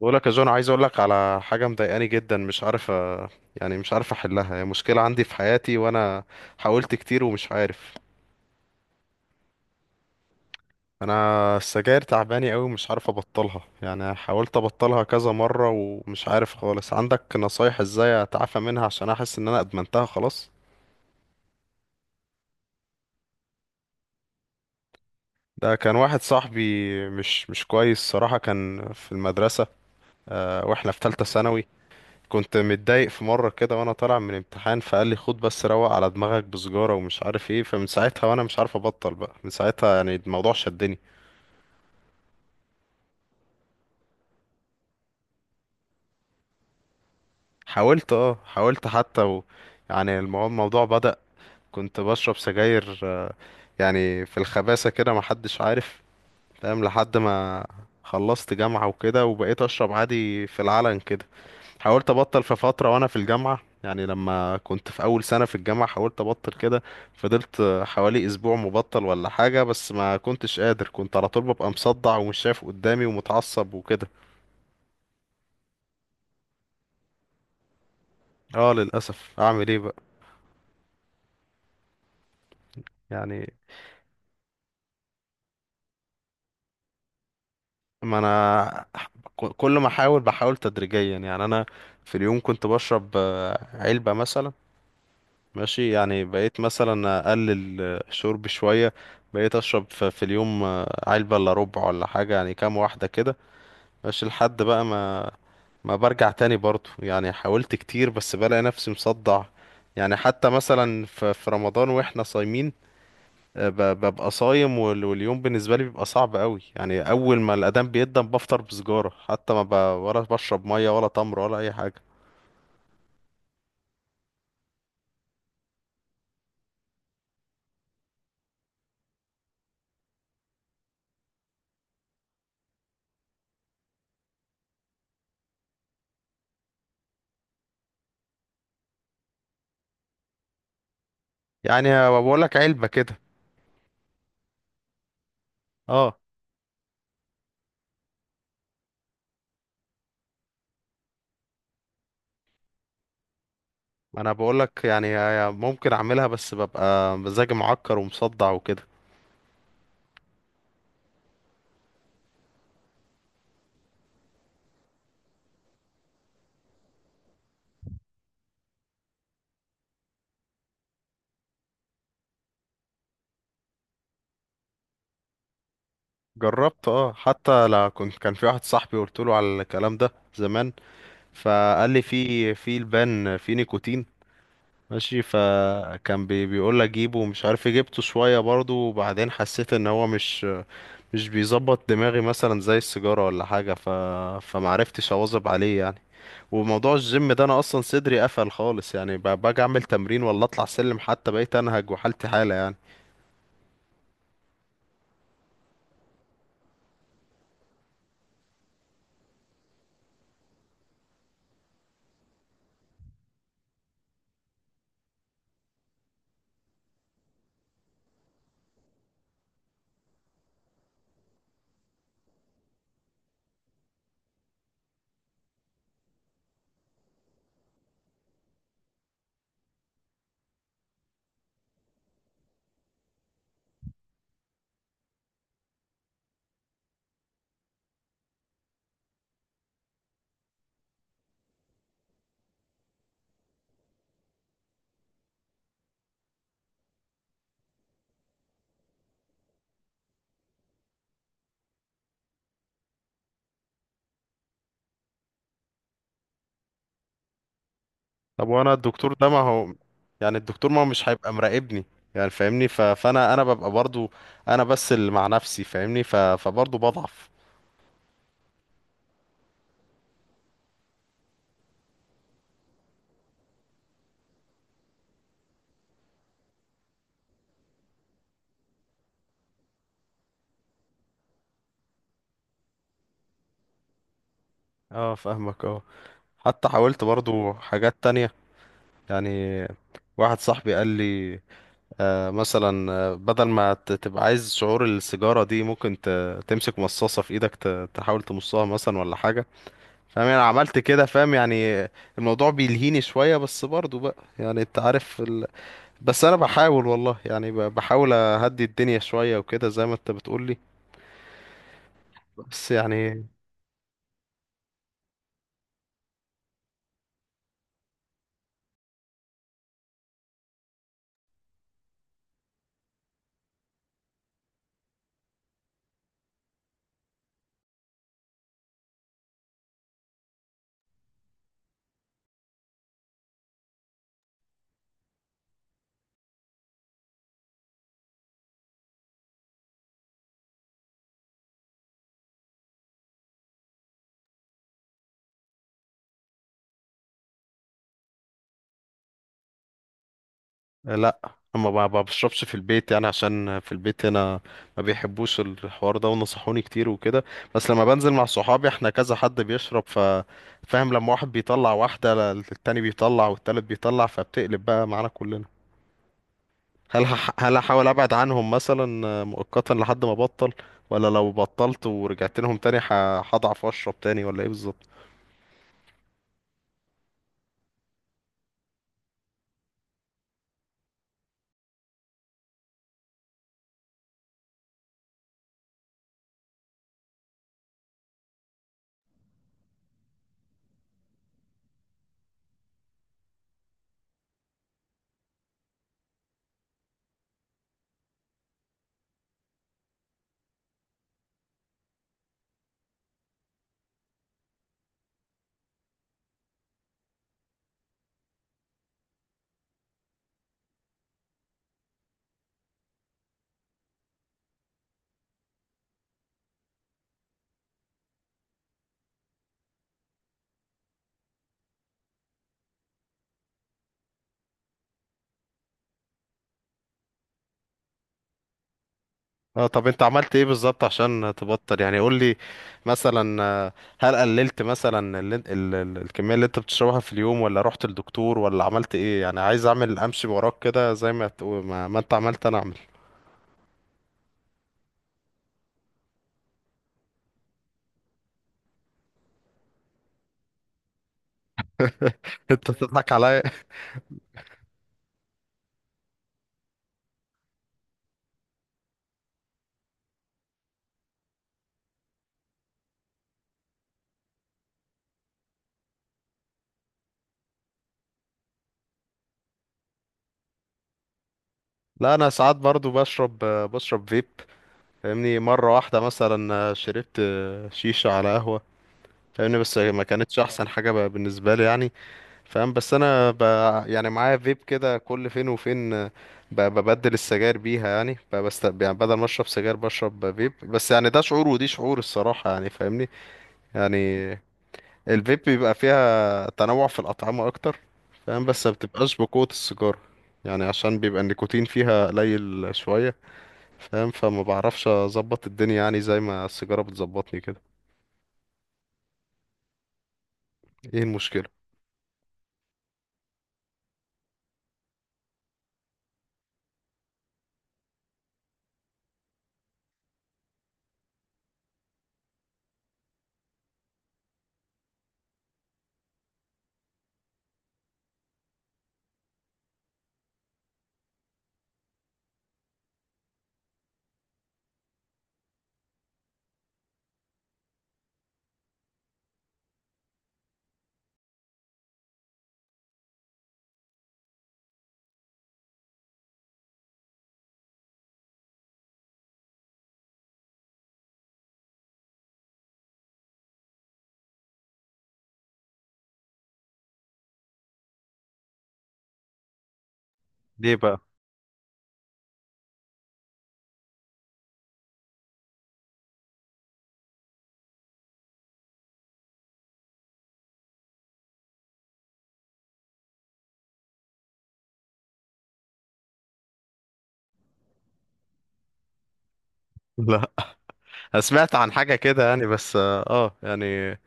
بقولك يا جون عايز اقولك على حاجة مضايقاني جدا، مش عارف مش عارف احلها. هي مشكلة عندي في حياتي وانا حاولت كتير ومش عارف. انا السجاير تعباني قوي ومش عارف ابطلها، حاولت ابطلها كذا مرة ومش عارف خالص. عندك نصايح ازاي اتعافى منها عشان احس ان انا ادمنتها خلاص؟ ده كان واحد صاحبي مش كويس صراحة، كان في المدرسة. أه، واحنا في ثالثة ثانوي. كنت متضايق في مرة كده وانا طالع من امتحان فقال لي خد بس روق على دماغك بسجارة ومش عارف ايه، فمن ساعتها وانا مش عارف ابطل. بقى من ساعتها الموضوع شدني. حاولت، اه حاولت حتى الموضوع بدأ. كنت بشرب سجاير، آه، في الخباثة كده محدش عارف، فاهم؟ لحد ما خلصت جامعة وكده وبقيت اشرب عادي في العلن كده. حاولت ابطل في فتره وانا في الجامعه، يعني لما كنت في اول سنه في الجامعه حاولت ابطل كده. فضلت حوالي اسبوع مبطل ولا حاجه، بس ما كنتش قادر، كنت على طول ببقى مصدع ومش شايف قدامي ومتعصب وكده. اه للاسف، اعمل ايه بقى؟ يعني. ما انا كل ما احاول بحاول تدريجيا. يعني انا في اليوم كنت بشرب، آه، علبه مثلا. ماشي، يعني بقيت مثلا اقلل، آه، شرب شويه. بقيت اشرب في اليوم، آه، علبه الا ربع ولا حاجه، يعني كام واحده كده. مش لحد بقى ما، ما برجع تاني برضو. يعني حاولت كتير بس بلاقي نفسي مصدع. يعني حتى مثلا في رمضان واحنا صايمين، آه، ببقى صايم واليوم بالنسبة لي بيبقى صعب قوي. يعني اول ما الاذان بيقدم بفطر بسجارة، حتى ما ولا بشرب مية ولا تمر ولا اي حاجة. يعني بقول لك علبة كده. اه. انا بقول لك يعني ممكن اعملها بس ببقى مزاجي معكر ومصدع وكده. جربت، اه حتى لا، كنت كان في واحد صاحبي قلت له على الكلام ده زمان، فقال لي في البان في نيكوتين. ماشي، فكان بيقول لي جيبه ومش عارف إيه، جبته شويه برضه، وبعدين حسيت ان هو مش بيظبط دماغي مثلا زي السيجاره ولا حاجه، فمعرفتش اواظب عليه يعني. وموضوع الجيم ده، انا اصلا صدري قفل خالص، يعني باجي اعمل تمرين ولا اطلع سلم حتى، بقيت انهج وحالتي حاله يعني. طب وانا الدكتور ده ما هو، يعني الدكتور ما هو مش هيبقى مراقبني؟ يعني فاهمني، فانا ببقى برضو انا بس اللي مع نفسي، فاهمني؟ فبرضو بضعف. اه فاهمك، اه. حتى حاولت برضو حاجات تانية. يعني واحد صاحبي قال لي، آه مثلا، آه، بدل ما تبقى عايز شعور السيجارة دي، ممكن تمسك مصاصة في ايدك، تحاول تمصها مثلا ولا حاجة. فاهم؟ انا عملت كده، فاهم يعني. الموضوع بيلهيني شوية، بس برضو بقى يعني انت عارف بس انا بحاول والله، يعني بحاول اهدي الدنيا شوية وكده زي ما انت بتقولي. بس يعني. لا، ما بشربش في البيت، يعني عشان في البيت هنا ما بيحبوش الحوار ده، ونصحوني كتير وكده. بس لما بنزل مع صحابي احنا كذا حد بيشرب، فاهم، لما واحد بيطلع واحدة، التاني بيطلع، والتالت بيطلع، فبتقلب بقى معانا كلنا. هل هل احاول ابعد عنهم مثلا مؤقتا لحد ما ابطل، ولا لو بطلت ورجعت لهم تاني هضعف واشرب تاني، ولا ايه بالظبط؟ اه طب انت عملت ايه بالظبط عشان تبطل؟ يعني قول لي، مثلا، آه، هل قللت مثلا ال الكمية اللي انت بتشربها في اليوم، ولا رحت للدكتور، ولا عملت ايه؟ يعني عايز اعمل امشي وراك كده زي ما تقول، ما انت عملت انا اعمل. انت تضحك عليا. لا انا ساعات برضو بشرب، آه، بشرب فيب. فاهمني؟ مرة واحدة مثلا، آه، شربت، آه، شيشة على قهوة. فاهمني؟ بس ما كانتش احسن حاجة بالنسبة لي يعني. فاهم؟ بس انا يعني معايا فيب كده كل فين وفين، آه، ببدل السجاير بيها، يعني يعني بدل ما اشرب سجاير بشرب فيب. بس يعني ده شعور ودي شعور الصراحة، يعني فاهمني؟ يعني الفيب بيبقى فيها تنوع في الأطعمة اكتر، فاهم؟ بس ما بتبقاش بقوة السيجارة، يعني عشان بيبقى النيكوتين فيها قليل شوية، فاهم؟ فما بعرفش اظبط الدنيا يعني زي ما السيجارة بتظبطني كده. ايه المشكلة؟ ليه بقى؟ لا، أنا سمعت عن حاجة كده يعني، بس اه، آه، يعني.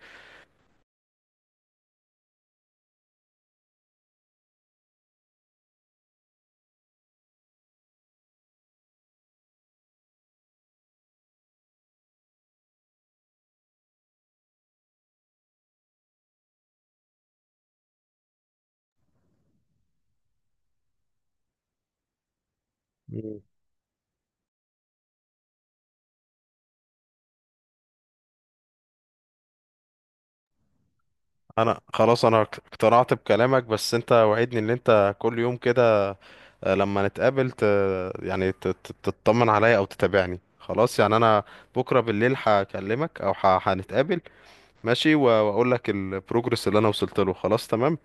انا خلاص انا اقتنعت بكلامك، بس انت وعدني ان انت كل يوم كده، آه، لما نتقابل يعني تطمن عليا او تتابعني. خلاص؟ يعني انا بكره بالليل هكلمك او هنتقابل، ماشي، واقول لك البروجرس اللي انا وصلت له. خلاص تمام.